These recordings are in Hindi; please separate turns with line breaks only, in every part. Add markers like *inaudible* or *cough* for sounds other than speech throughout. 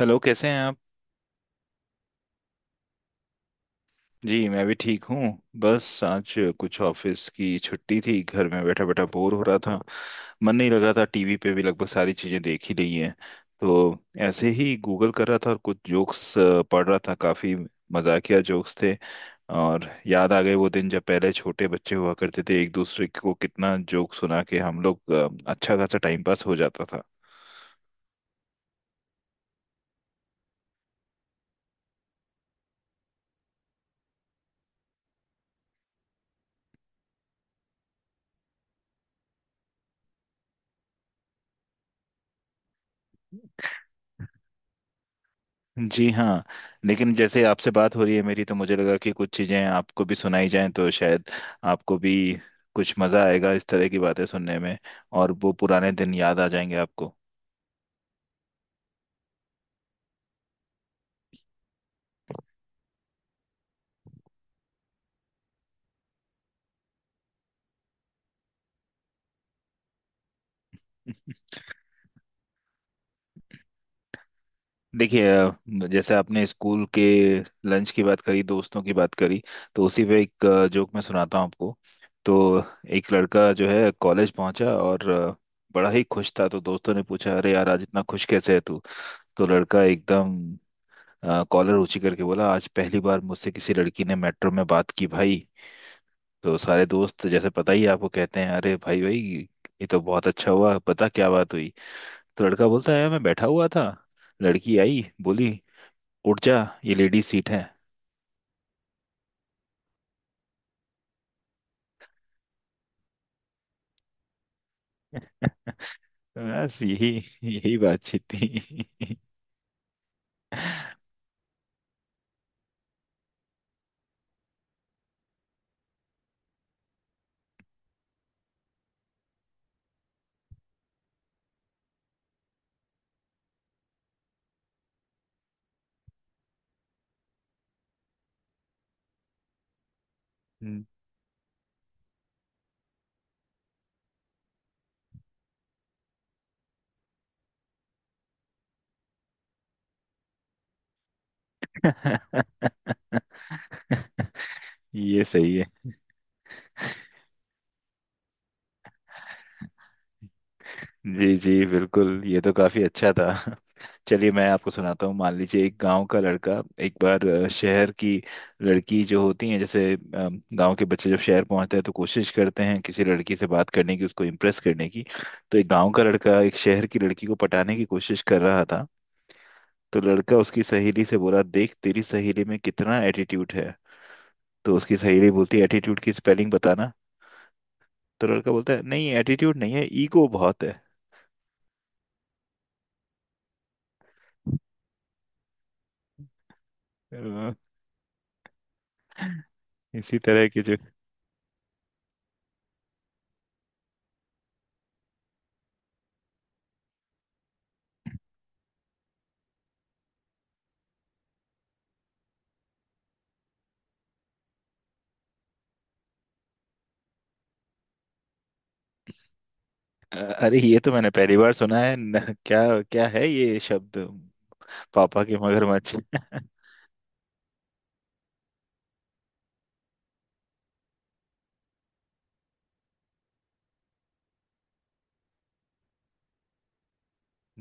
हेलो कैसे हैं आप। जी मैं भी ठीक हूँ। बस आज कुछ ऑफिस की छुट्टी थी, घर में बैठा बैठा बोर हो रहा था। मन नहीं लग रहा था, टीवी पे भी लगभग सारी चीजें देख ही ली हैं। तो ऐसे ही गूगल कर रहा था और कुछ जोक्स पढ़ रहा था। काफी मजाकिया जोक्स थे और याद आ गए वो दिन जब पहले छोटे बच्चे हुआ करते थे, एक दूसरे को कितना जोक सुना के हम लोग अच्छा खासा टाइम पास हो जाता था। जी हाँ। लेकिन जैसे आपसे बात हो रही है मेरी, तो मुझे लगा कि कुछ चीज़ें आपको भी सुनाई जाएं तो शायद आपको भी कुछ मज़ा आएगा इस तरह की बातें सुनने में, और वो पुराने दिन याद आ जाएंगे आपको। *laughs* देखिए, जैसे आपने स्कूल के लंच की बात करी, दोस्तों की बात करी, तो उसी पे एक जोक मैं सुनाता हूँ आपको। तो एक लड़का जो है कॉलेज पहुंचा और बड़ा ही खुश था। तो दोस्तों ने पूछा, अरे यार आज इतना खुश कैसे है तू। तो लड़का एकदम कॉलर ऊंची करके बोला, आज पहली बार मुझसे किसी लड़की ने मेट्रो में बात की भाई। तो सारे दोस्त, जैसे पता ही है आपको, कहते हैं अरे भाई भाई ये तो बहुत अच्छा हुआ, पता क्या बात हुई। तो लड़का बोलता है, मैं बैठा हुआ था, लड़की आई, बोली उठ जा ये लेडी सीट है। *laughs* बस यही, यही बातचीत थी। *laughs* हम्म। ये सही है। जी जी बिल्कुल, ये तो काफी अच्छा था। *laughs* चलिए मैं आपको सुनाता हूँ। मान लीजिए एक गांव का लड़का एक बार शहर की लड़की जो होती है, जैसे गांव के बच्चे जब शहर पहुंचते हैं तो कोशिश करते हैं किसी लड़की से बात करने की, उसको इम्प्रेस करने की। तो एक गांव का लड़का एक शहर की लड़की को पटाने की कोशिश कर रहा था। तो लड़का उसकी सहेली से बोला, देख तेरी सहेली में कितना एटीट्यूड है। तो उसकी सहेली बोलती है, एटीट्यूड की स्पेलिंग बताना। तो लड़का बोलता है, नहीं एटीट्यूड नहीं है, ईगो बहुत है। *laughs* इसी तरह की जो अ- अरे ये तो मैंने पहली बार सुना है न, क्या क्या है ये शब्द। पापा के मगरमच्छ। *laughs*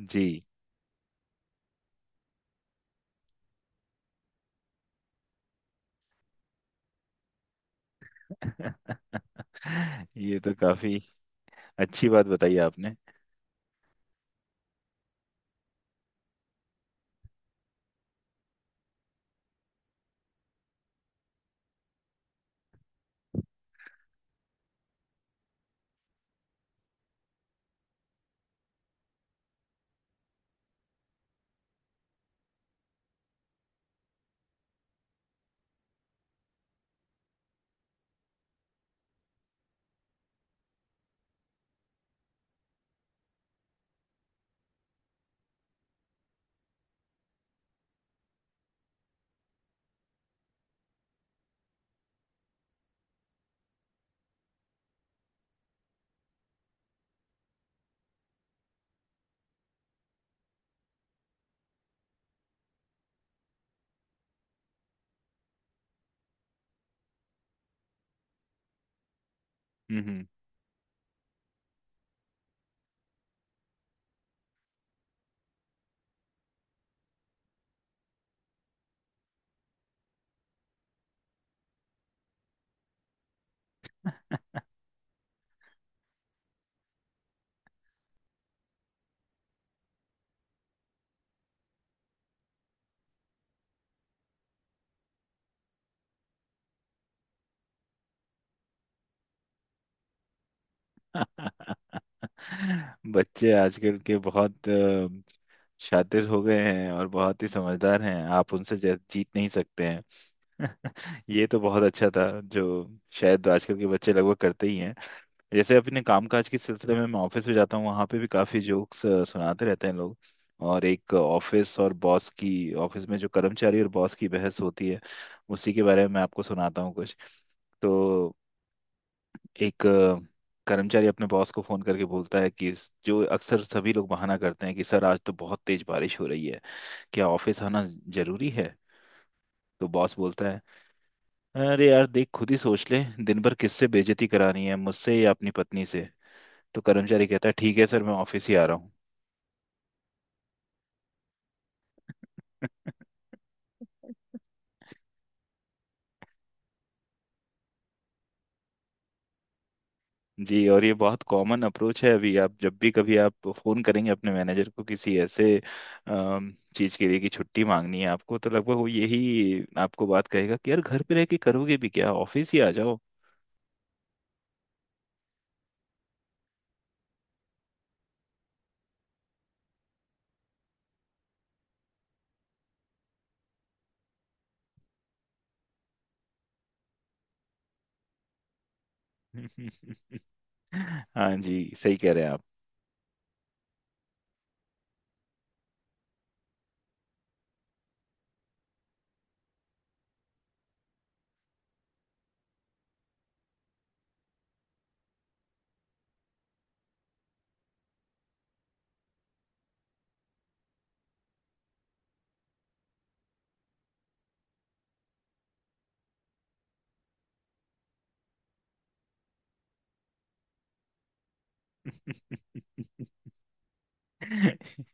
जी। *laughs* ये तो काफी अच्छी बात बताई आपने। हम्म। *laughs* बच्चे आजकल के बहुत शातिर हो गए हैं और बहुत ही समझदार हैं, आप उनसे जीत नहीं सकते हैं। *laughs* ये तो बहुत अच्छा था, जो शायद आजकल के बच्चे लगभग करते ही हैं। जैसे अपने कामकाज के सिलसिले में मैं ऑफिस में जाता हूँ, वहाँ पे भी काफी जोक्स सुनाते रहते हैं लोग। और एक ऑफिस और बॉस की, ऑफिस में जो कर्मचारी और बॉस की बहस होती है, उसी के बारे में मैं आपको सुनाता हूँ कुछ। तो एक कर्मचारी अपने बॉस को फोन करके बोलता है कि जो अक्सर सभी लोग बहाना करते हैं कि सर आज तो बहुत तेज बारिश हो रही है, क्या ऑफिस आना जरूरी है। तो बॉस बोलता है, अरे यार देख खुद ही सोच ले, दिन भर किससे बेइज्जती करानी है, मुझसे या अपनी पत्नी से। तो कर्मचारी कहता है, ठीक है सर मैं ऑफिस ही आ रहा हूँ। *laughs* जी और ये बहुत कॉमन अप्रोच है। अभी आप जब भी कभी आप फोन करेंगे अपने मैनेजर को किसी ऐसे चीज के लिए कि छुट्टी मांगनी है आपको, तो लगभग वो यही आपको बात कहेगा कि यार घर पे रह के करोगे भी क्या, ऑफिस ही आ जाओ। *laughs* हाँ जी सही कह रहे हैं आप। *laughs* *laughs*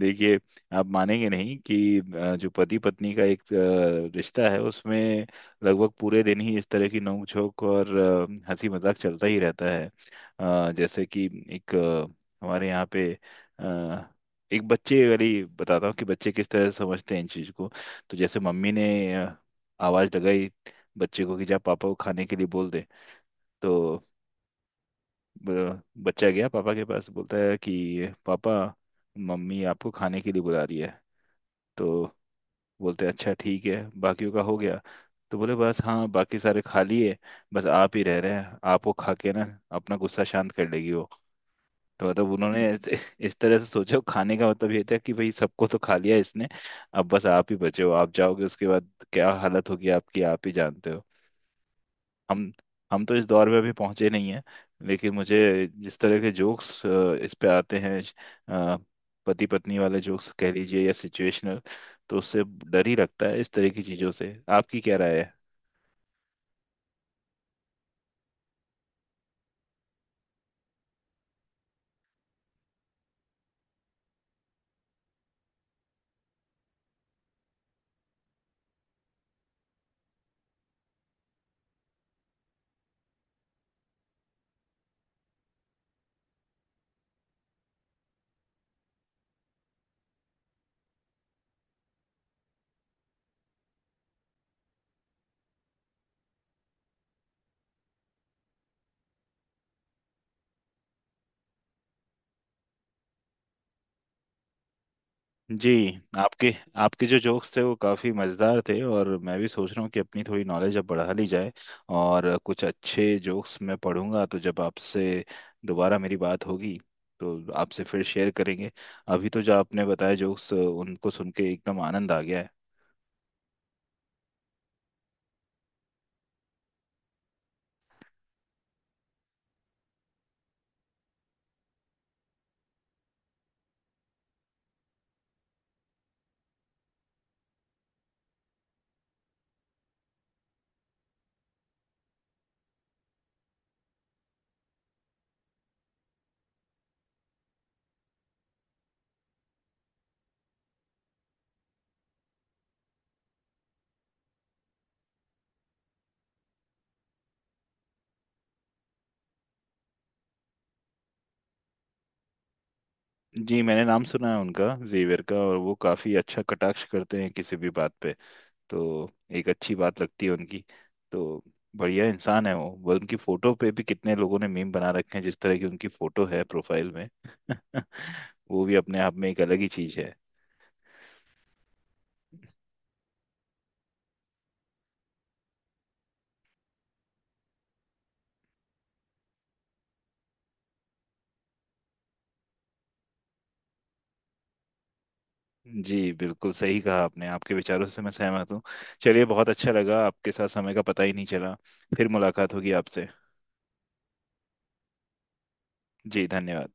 देखिए, आप मानेंगे नहीं कि जो पति पत्नी का एक रिश्ता है, उसमें लगभग पूरे दिन ही इस तरह की नोक झोंक और हंसी मजाक चलता ही रहता है। जैसे कि एक हमारे यहाँ पे अ, एक बच्चे वाली बताता हूँ कि बच्चे किस तरह से समझते हैं इन चीज को। तो जैसे मम्मी ने अ, आवाज लगाई बच्चे को कि जा पापा को खाने के लिए बोल दे। तो बच्चा गया पापा के पास, बोलता है कि पापा मम्मी आपको खाने के लिए बुला रही है। तो बोलते हैं अच्छा ठीक है, बाकियों का हो गया। तो बोले बस हाँ बाकी सारे खा लिए, बस आप ही रह रहे हैं, आपको खा के ना अपना गुस्सा शांत कर लेगी वो। तो मतलब उन्होंने इस तरह से सोचो, खाने का मतलब ये था कि भाई सबको तो खा लिया इसने, अब बस आप ही बचे हो, आप जाओगे उसके बाद क्या हालत होगी आपकी आप ही जानते हो। हम हम तो इस दौर में अभी पहुंचे नहीं हैं, लेकिन मुझे जिस तरह के जोक्स इस पे आते हैं, पति पत्नी वाले जोक्स कह लीजिए या सिचुएशनल, तो उससे डर ही लगता है इस तरह की चीजों से। आपकी क्या राय है। जी, आपके आपके जो जोक्स थे वो काफ़ी मज़ेदार थे, और मैं भी सोच रहा हूँ कि अपनी थोड़ी नॉलेज अब बढ़ा ली जाए। और कुछ अच्छे जोक्स मैं पढ़ूंगा तो जब आपसे दोबारा मेरी बात होगी तो आपसे फिर शेयर करेंगे। अभी तो जो आपने बताया जोक्स उनको सुन के एकदम आनंद आ गया है। जी मैंने नाम सुना है उनका जेवियर का, और वो काफ़ी अच्छा कटाक्ष करते हैं किसी भी बात पे। तो एक अच्छी बात लगती है उनकी। तो बढ़िया इंसान है वो। वो उनकी फोटो पे भी कितने लोगों ने मीम बना रखे हैं, जिस तरह की उनकी फोटो है प्रोफाइल में। *laughs* वो भी अपने आप में एक अलग ही चीज है। जी बिल्कुल सही कहा आपने, आपके विचारों से मैं सहमत हूँ। चलिए बहुत अच्छा लगा, आपके साथ समय का पता ही नहीं चला। फिर मुलाकात होगी आपसे। जी धन्यवाद।